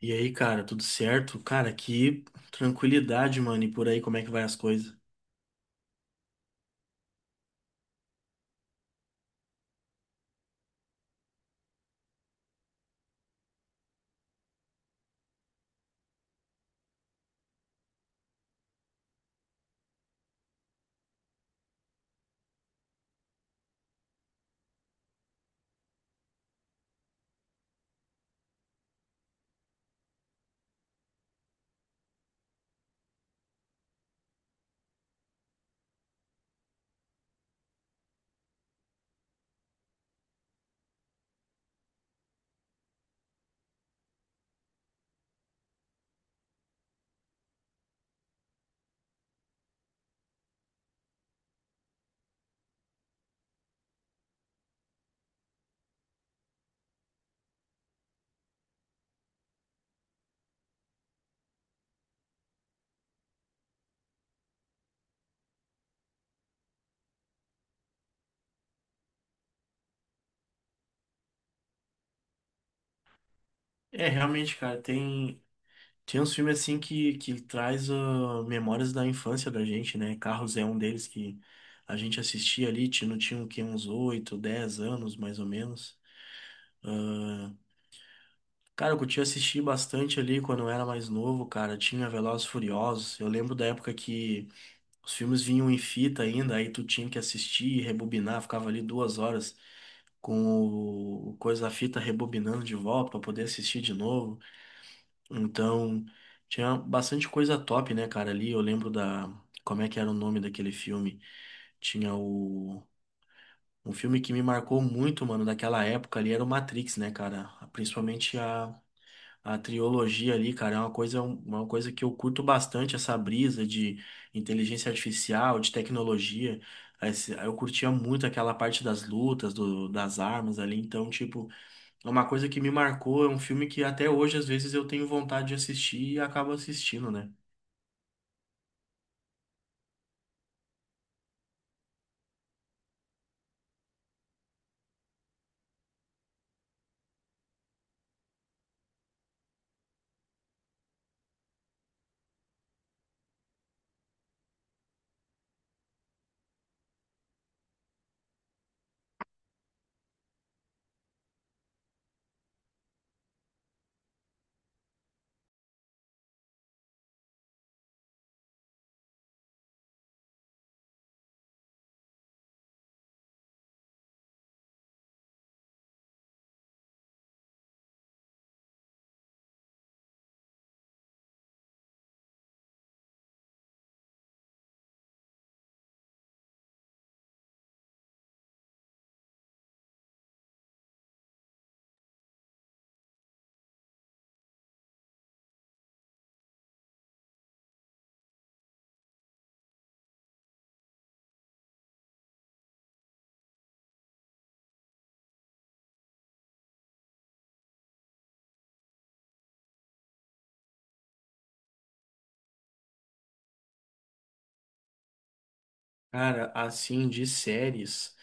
E aí, cara, tudo certo? Cara, que tranquilidade, mano. E por aí, como é que vai as coisas? É, realmente, cara, tem uns filmes assim que traz memórias da infância da gente, né? Carros é um deles que a gente assistia ali, tinha, não tinha o quê? Uns 8, 10 anos, mais ou menos. Cara, eu curti assistir bastante ali quando eu era mais novo, cara. Tinha Velozes e Furiosos. Eu lembro da época que os filmes vinham em fita ainda, aí tu tinha que assistir e rebobinar, ficava ali 2 horas com o coisa da fita rebobinando de volta para poder assistir de novo. Então, tinha bastante coisa top, né, cara, ali. Eu lembro da, como é que era o nome daquele filme? Tinha o, um filme que me marcou muito, mano, daquela época ali era o Matrix, né, cara? Principalmente a trilogia ali, cara, é uma coisa que eu curto bastante, essa brisa de inteligência artificial, de tecnologia. Eu curtia muito aquela parte das lutas, do, das armas ali, então, tipo, uma coisa que me marcou é um filme que até hoje, às vezes, eu tenho vontade de assistir e acabo assistindo, né? Cara, assim, de séries,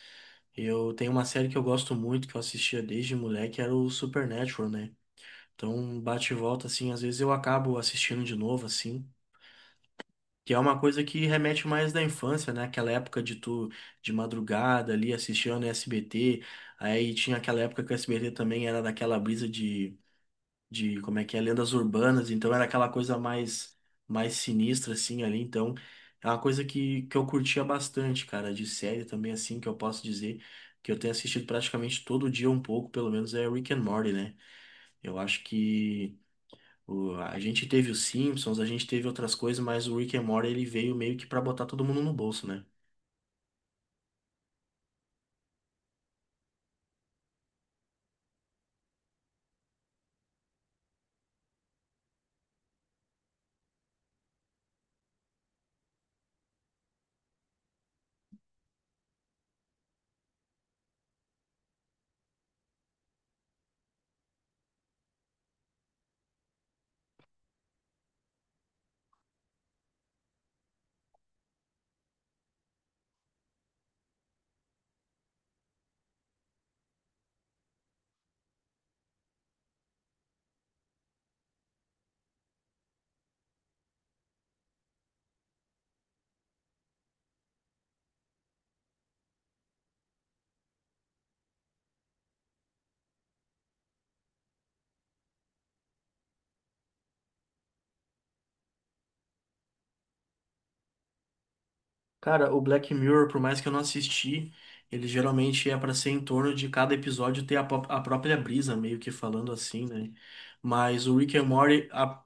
eu tenho uma série que eu gosto muito, que eu assistia desde moleque, era o Supernatural, né? Então, bate e volta, assim, às vezes eu acabo assistindo de novo, assim. Que é uma coisa que remete mais da infância, né? Aquela época de tu, de madrugada ali, assistindo SBT. Aí tinha aquela época que o SBT também era daquela brisa de como é que é, lendas urbanas, então era aquela coisa mais, mais sinistra assim ali, então é uma coisa que eu curtia bastante, cara, de série também assim, que eu posso dizer que eu tenho assistido praticamente todo dia um pouco, pelo menos é Rick and Morty, né? Eu acho que a gente teve os Simpsons, a gente teve outras coisas, mas o Rick and Morty ele veio meio que pra botar todo mundo no bolso, né? Cara, o Black Mirror, por mais que eu não assisti, ele geralmente é para ser em torno de cada episódio ter a, a própria brisa, meio que falando assim, né? Mas o Rick and Morty,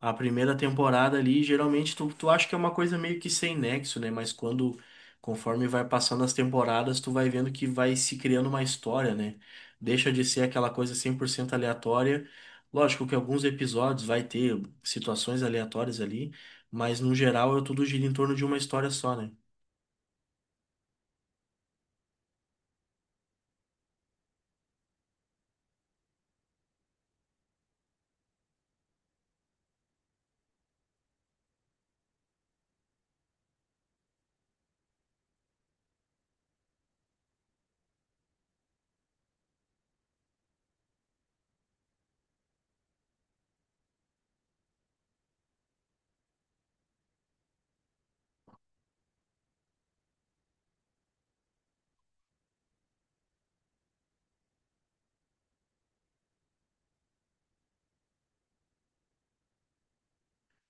a primeira temporada ali, geralmente tu, tu acha que é uma coisa meio que sem nexo, né? Mas quando, conforme vai passando as temporadas, tu vai vendo que vai se criando uma história, né? Deixa de ser aquela coisa 100% aleatória. Lógico que alguns episódios vai ter situações aleatórias ali, mas no geral é tudo gira em torno de uma história só, né?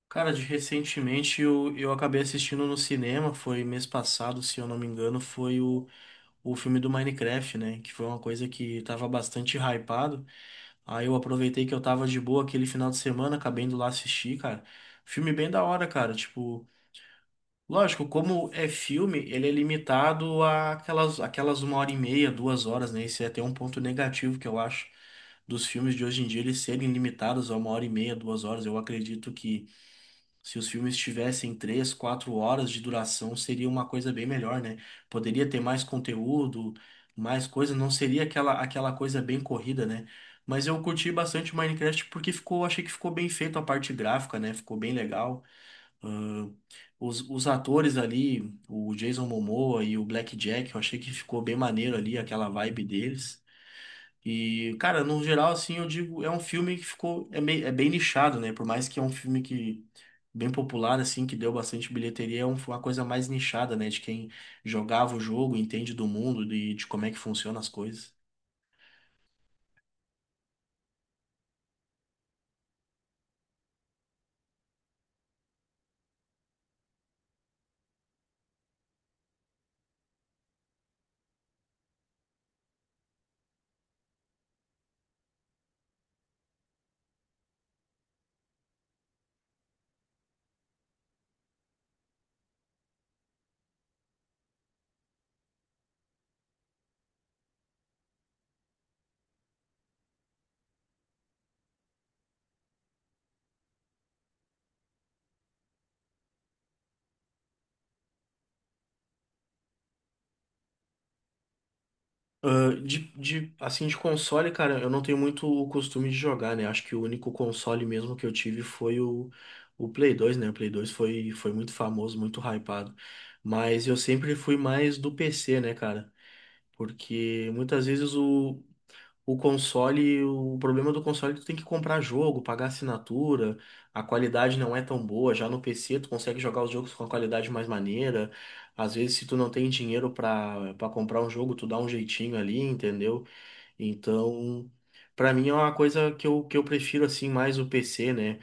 Cara, de recentemente eu acabei assistindo no cinema, foi mês passado, se eu não me engano, foi o filme do Minecraft, né? Que foi uma coisa que tava bastante hypado. Aí eu aproveitei que eu tava de boa aquele final de semana, acabei indo lá assistir, cara. Filme bem da hora, cara. Tipo, lógico, como é filme, ele é limitado a aquelas, aquelas 1 hora e meia, 2 horas, né? Esse é até um ponto negativo que eu acho dos filmes de hoje em dia, eles serem limitados a 1 hora e meia, 2 horas. Eu acredito que, se os filmes tivessem 3, 4 horas de duração, seria uma coisa bem melhor, né? Poderia ter mais conteúdo, mais coisa, não seria aquela, aquela coisa bem corrida, né? Mas eu curti bastante Minecraft porque ficou, achei que ficou bem feito a parte gráfica, né? Ficou bem legal. Ahn, os atores ali, o Jason Momoa e o Black Jack, eu achei que ficou bem maneiro ali, aquela vibe deles. E, cara, no geral, assim, eu digo, é um filme que ficou, é, meio, é bem nichado, né? Por mais que é um filme que bem popular, assim, que deu bastante bilheteria, é uma coisa mais nichada, né? De quem jogava o jogo, entende do mundo, de como é que funcionam as coisas. Ah, de, assim, de console, cara, eu não tenho muito o costume de jogar, né? Acho que o único console mesmo que eu tive foi o Play 2, né? O Play 2 foi, foi muito famoso, muito hypado. Mas eu sempre fui mais do PC, né, cara? Porque muitas vezes o console, o problema do console é que tu tem que comprar jogo, pagar assinatura, a qualidade não é tão boa. Já no PC tu consegue jogar os jogos com a qualidade mais maneira. Às vezes se tu não tem dinheiro pra para comprar um jogo, tu dá um jeitinho ali, entendeu? Então, pra mim é uma coisa que eu prefiro assim mais o PC, né?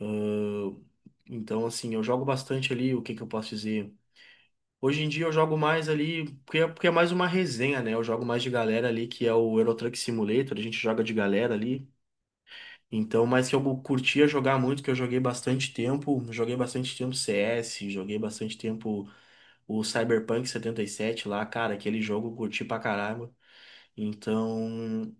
Ahn, então assim, eu jogo bastante ali, o que que eu posso dizer? Hoje em dia eu jogo mais ali, porque é mais uma resenha, né? Eu jogo mais de galera ali, que é o Euro Truck Simulator, a gente joga de galera ali. Então, mas que eu curtia jogar muito, que eu joguei bastante tempo CS, joguei bastante tempo o Cyberpunk 77 lá, cara, aquele jogo eu curti pra caramba. Então,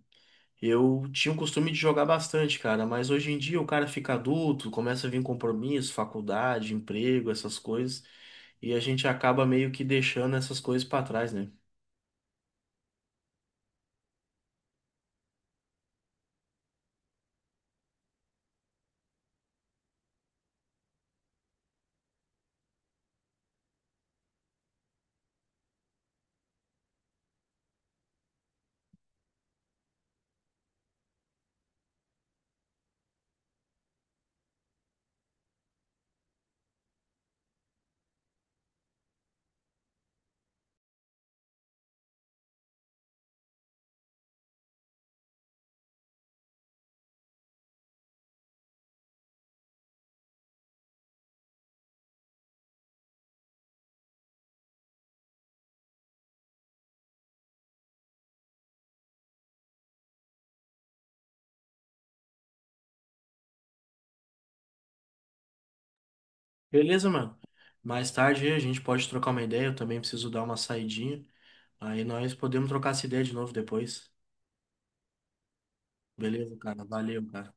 eu tinha o costume de jogar bastante, cara, mas hoje em dia o cara fica adulto, começa a vir compromisso, faculdade, emprego, essas coisas, e a gente acaba meio que deixando essas coisas pra trás, né? Beleza, mano? Mais tarde aí a gente pode trocar uma ideia, eu também preciso dar uma saidinha, aí nós podemos trocar essa ideia de novo depois. Beleza, cara? Valeu, cara.